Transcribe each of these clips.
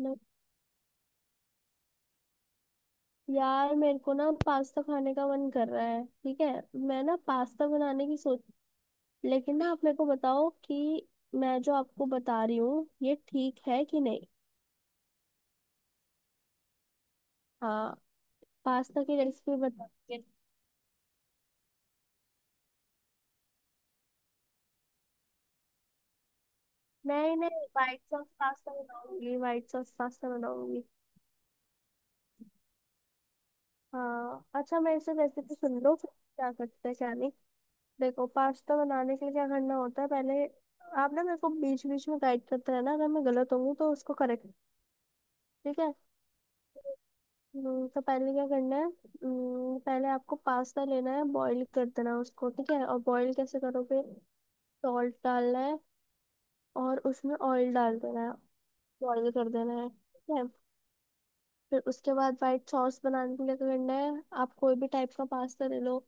न- यार मेरे को ना पास्ता खाने का मन कर रहा है। ठीक है, मैं ना पास्ता बनाने की सोच। लेकिन ना आप मेरे को बताओ कि मैं जो आपको बता रही हूँ ये ठीक है कि नहीं। हाँ, पास्ता की रेसिपी बता। नहीं नहीं, व्हाइट सॉस पास्ता बनाऊंगी, व्हाइट सॉस पास्ता बनाऊंगी। हाँ, अच्छा, मेरे से रेसिपी सुन लो, फिर क्या करते हैं क्या नहीं। देखो, पास्ता बनाने के लिए क्या करना होता है पहले। आप ना मेरे को बीच बीच में गाइड करते रहना, अगर मैं गलत होंगी तो उसको करेक्ट। ठीक है। तो पहले क्या करना है। पहले आपको पास्ता लेना है, बॉईल कर देना है उसको। ठीक है, और बॉईल कैसे करोगे। सॉल्ट डालना है और उसमें ऑयल डाल देना है। बॉईल कर देना है। ठीक है। फिर उसके बाद वाइट सॉस बनाने के लिए क्या करना है, आप कोई भी टाइप का पास्ता ले लो।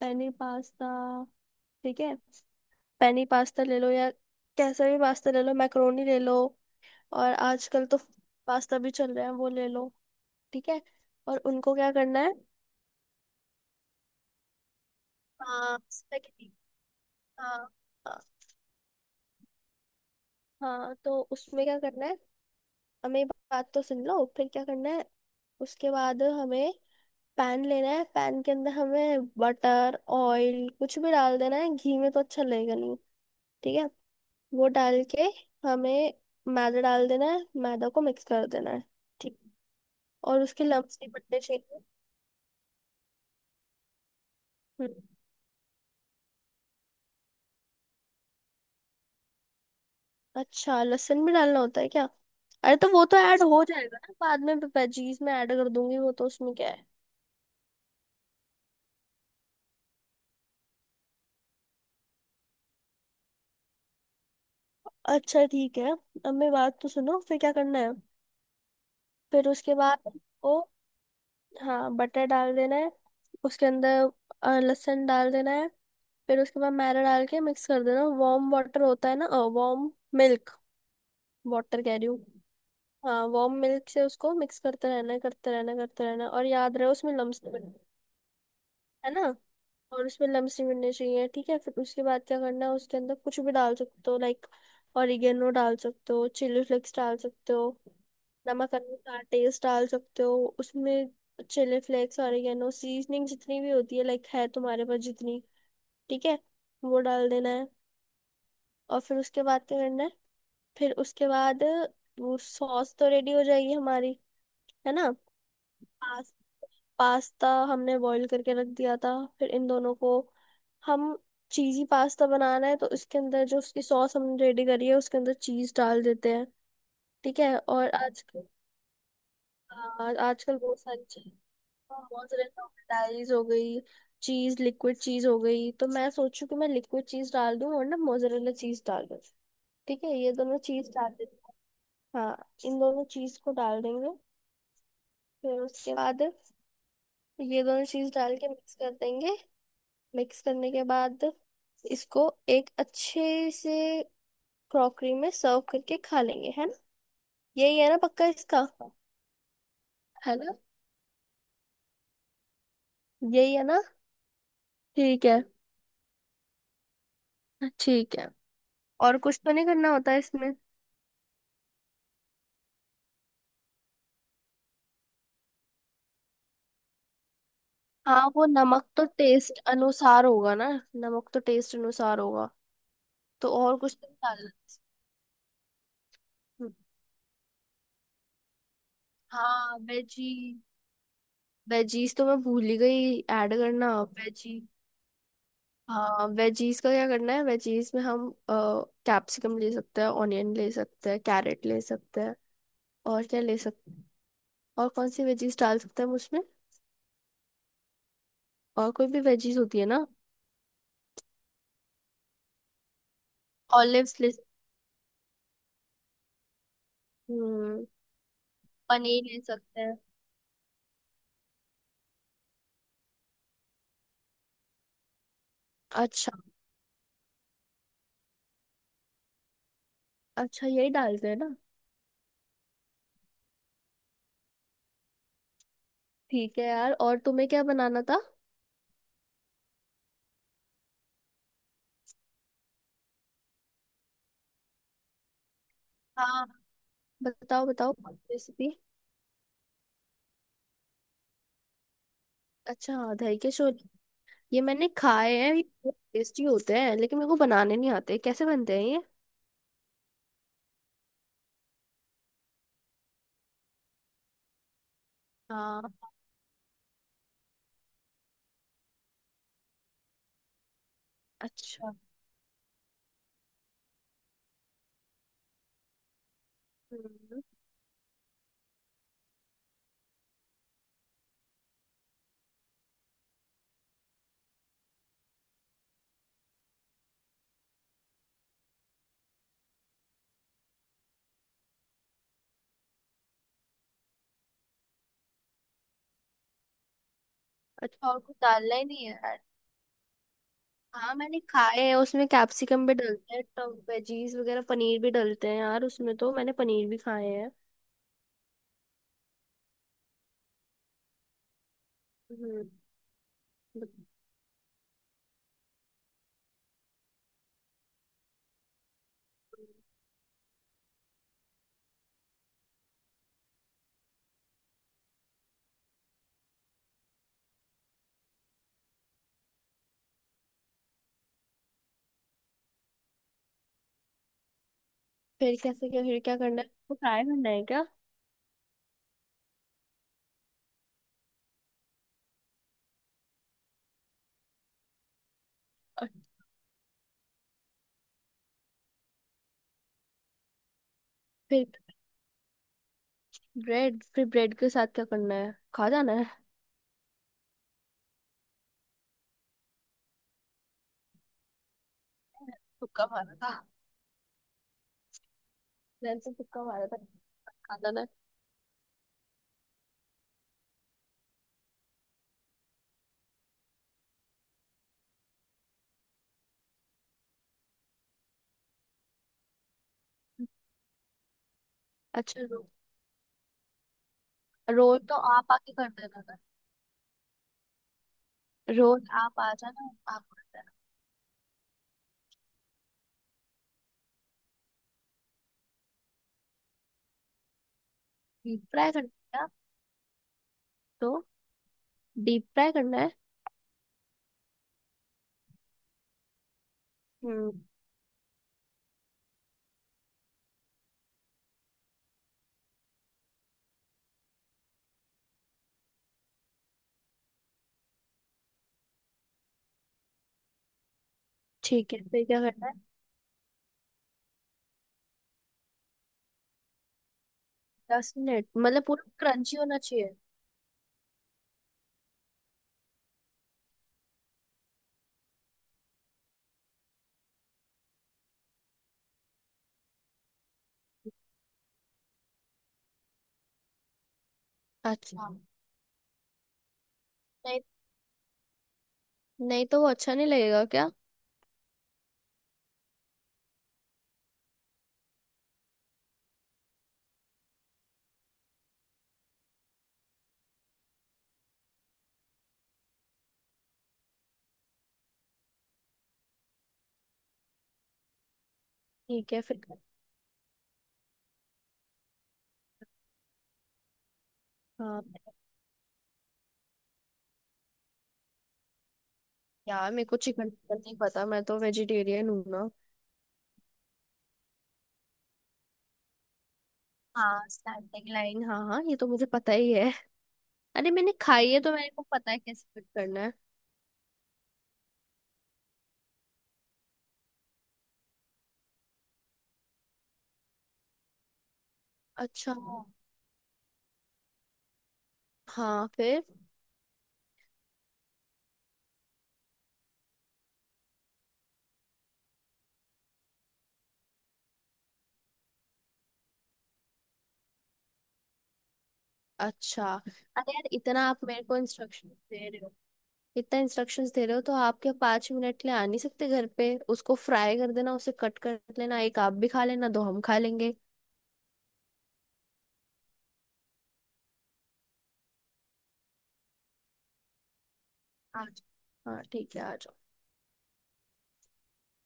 Penne pasta. ठीक है। पेनी पास्ता ले लो, या कैसा भी पास्ता ले लो, मैक्रोनी ले लो। और आजकल तो पास्ता भी चल रहे हैं, वो ले लो। ठीक है। और उनको क्या करना है। हाँ हाँ हाँ। हाँ, तो उसमें क्या करना है। हमें बात तो सुन लो फिर क्या करना है। उसके बाद हमें पैन लेना है, पैन के अंदर हमें बटर ऑयल कुछ भी डाल देना है, घी में तो अच्छा लगेगा नहीं। ठीक है। वो डाल के हमें मैदा डाल देना है, मैदा को मिक्स कर देना है। ठीक, और उसके लम्स नहीं पड़ने चाहिए। हम्म। अच्छा, लहसुन भी डालना होता है क्या। अरे तो वो तो ऐड हो जाएगा ना बाद में, वेजीज में ऐड कर दूंगी, वो तो उसमें क्या है। अच्छा, ठीक है। अब मेरी बात तो सुनो फिर क्या करना है। फिर उसके बाद आपको, हाँ, बटर डाल देना है, उसके अंदर लहसुन डाल देना है। फिर उसके बाद मैदा डाल के मिक्स कर देना, वार्म वाटर होता है ना। वार्म मिल्क, वाटर कह रही हूँ। हाँ, वार्म मिल्क से उसको मिक्स करते रहना है, करते रहना है, करते रहना है। और याद रहे उसमें लम्स है ना, और उसमें लम्स नहीं मिलने चाहिए। ठीक है। फिर उसके बाद क्या करना है, उसके अंदर कुछ भी डाल सकते हो, लाइक ऑरिगेनो डाल सकते हो, चिली फ्लेक्स डाल सकते हो, नमक अनुसार टेस्ट डाल सकते हो उसमें। चिली फ्लेक्स, ऑरिगेनो, सीजनिंग, जितनी भी होती है लाइक है तुम्हारे पास जितनी। ठीक है। वो डाल देना है। और फिर उसके बाद क्या करना है। फिर उसके बाद वो सॉस तो रेडी हो जाएगी हमारी, है ना। पास्ता हमने बॉईल करके रख दिया था, फिर इन दोनों को हम, चीज़ी पास्ता बनाना है तो इसके अंदर जो उसकी सॉस हमने रेडी करी है उसके अंदर चीज़ डाल देते हैं। ठीक है। और आज, आजकल बहुत सारी चीज़, मोज़रेला डाइज हो गई, चीज़ लिक्विड चीज़ हो गई, तो मैं सोचू कि मैं लिक्विड चीज़ डाल दूं और ना मोज़रेला चीज़ डाल दूं। ठीक है, ये दोनों चीज़ डाल देते हैं। हाँ, इन दोनों चीज़ को डाल देंगे। फिर उसके बाद ये दोनों चीज़ डाल के मिक्स कर देंगे। मिक्स करने के बाद इसको एक अच्छे से क्रॉकरी में सर्व करके खा लेंगे, है ना। यही है ना पक्का इसका। है ना। यही है ना। ठीक है। ठीक है। और कुछ तो नहीं करना होता है इसमें। हाँ, वो नमक तो टेस्ट अनुसार होगा ना। नमक तो टेस्ट अनुसार होगा। तो और कुछ तो नहीं डालना इसमें। हम्म, हाँ, वेजी, वेजीज तो मैं भूल ही गई ऐड करना, वेजी। हाँ, वेजीज का क्या करना है। वेजीज में हम कैप्सिकम ले सकते हैं, ऑनियन ले सकते हैं, कैरेट ले सकते हैं, और क्या ले सकते हैं। और कौन सी वेजीज डाल सकते हैं हम उसमें। और कोई भी वेजीज होती है ना। ऑलिव्स ले। हम्म। पनीर ले सकते हैं। अच्छा। अच्छा, यही डालते हैं ना। ठीक है यार, और तुम्हें क्या बनाना था। हाँ। बताओ बताओ। रेसिपी। अच्छा, हाँ, दही के छोले। ये मैंने खाए हैं, ये बहुत टेस्टी होते हैं लेकिन मेरे को बनाने नहीं आते, कैसे बनते हैं ये। हाँ। अच्छा। हम्म, अच्छा, और कुछ डालना ही नहीं है यार। हाँ, मैंने खाए हैं उसमें कैप्सिकम भी डलते हैं तो वेजीज वगैरह, पनीर भी डलते हैं यार उसमें, तो मैंने पनीर भी खाए हैं। हम्म फिर कैसे क्या, फिर क्या करना है, वो फ्राई करना है क्या। और फिर ब्रेड। फिर ब्रेड के साथ क्या करना है, खा जाना है। तुक्का मारा था। मैंने तो तुक्का मारा था। खा जाना है। अच्छा, रोल तो आप आके कर देना ना, रोल आप आ जाना, आप कर देना। डीप फ्राई करना है क्या? तो डीप फ्राई करना है। ठीक है। फिर क्या करना है। 10 मिनट मतलब पूरा क्रंची होना चाहिए। अच्छा। नहीं, नहीं तो वो अच्छा नहीं लगेगा क्या। ठीक है। फिर। हाँ। यार मेरे को चिकन चिकन नहीं पता, मैं तो वेजिटेरियन हूँ ना। हाँ, स्टैटिक लाइन, हाँ हाँ, ये तो मुझे पता ही है। अरे मैंने खाई है तो मेरे को पता है कैसे फिट करना है। अच्छा। हाँ। फिर। अच्छा। अरे यार, इतना आप मेरे को इंस्ट्रक्शन दे रहे हो, इतना इंस्ट्रक्शंस दे रहे हो, तो आप क्या 5 मिनट के लिए आ नहीं सकते घर पे, उसको फ्राई कर देना, उसे कट कर लेना, एक आप भी खा लेना, दो हम खा लेंगे। आज। हाँ ठीक है, आ जाओ।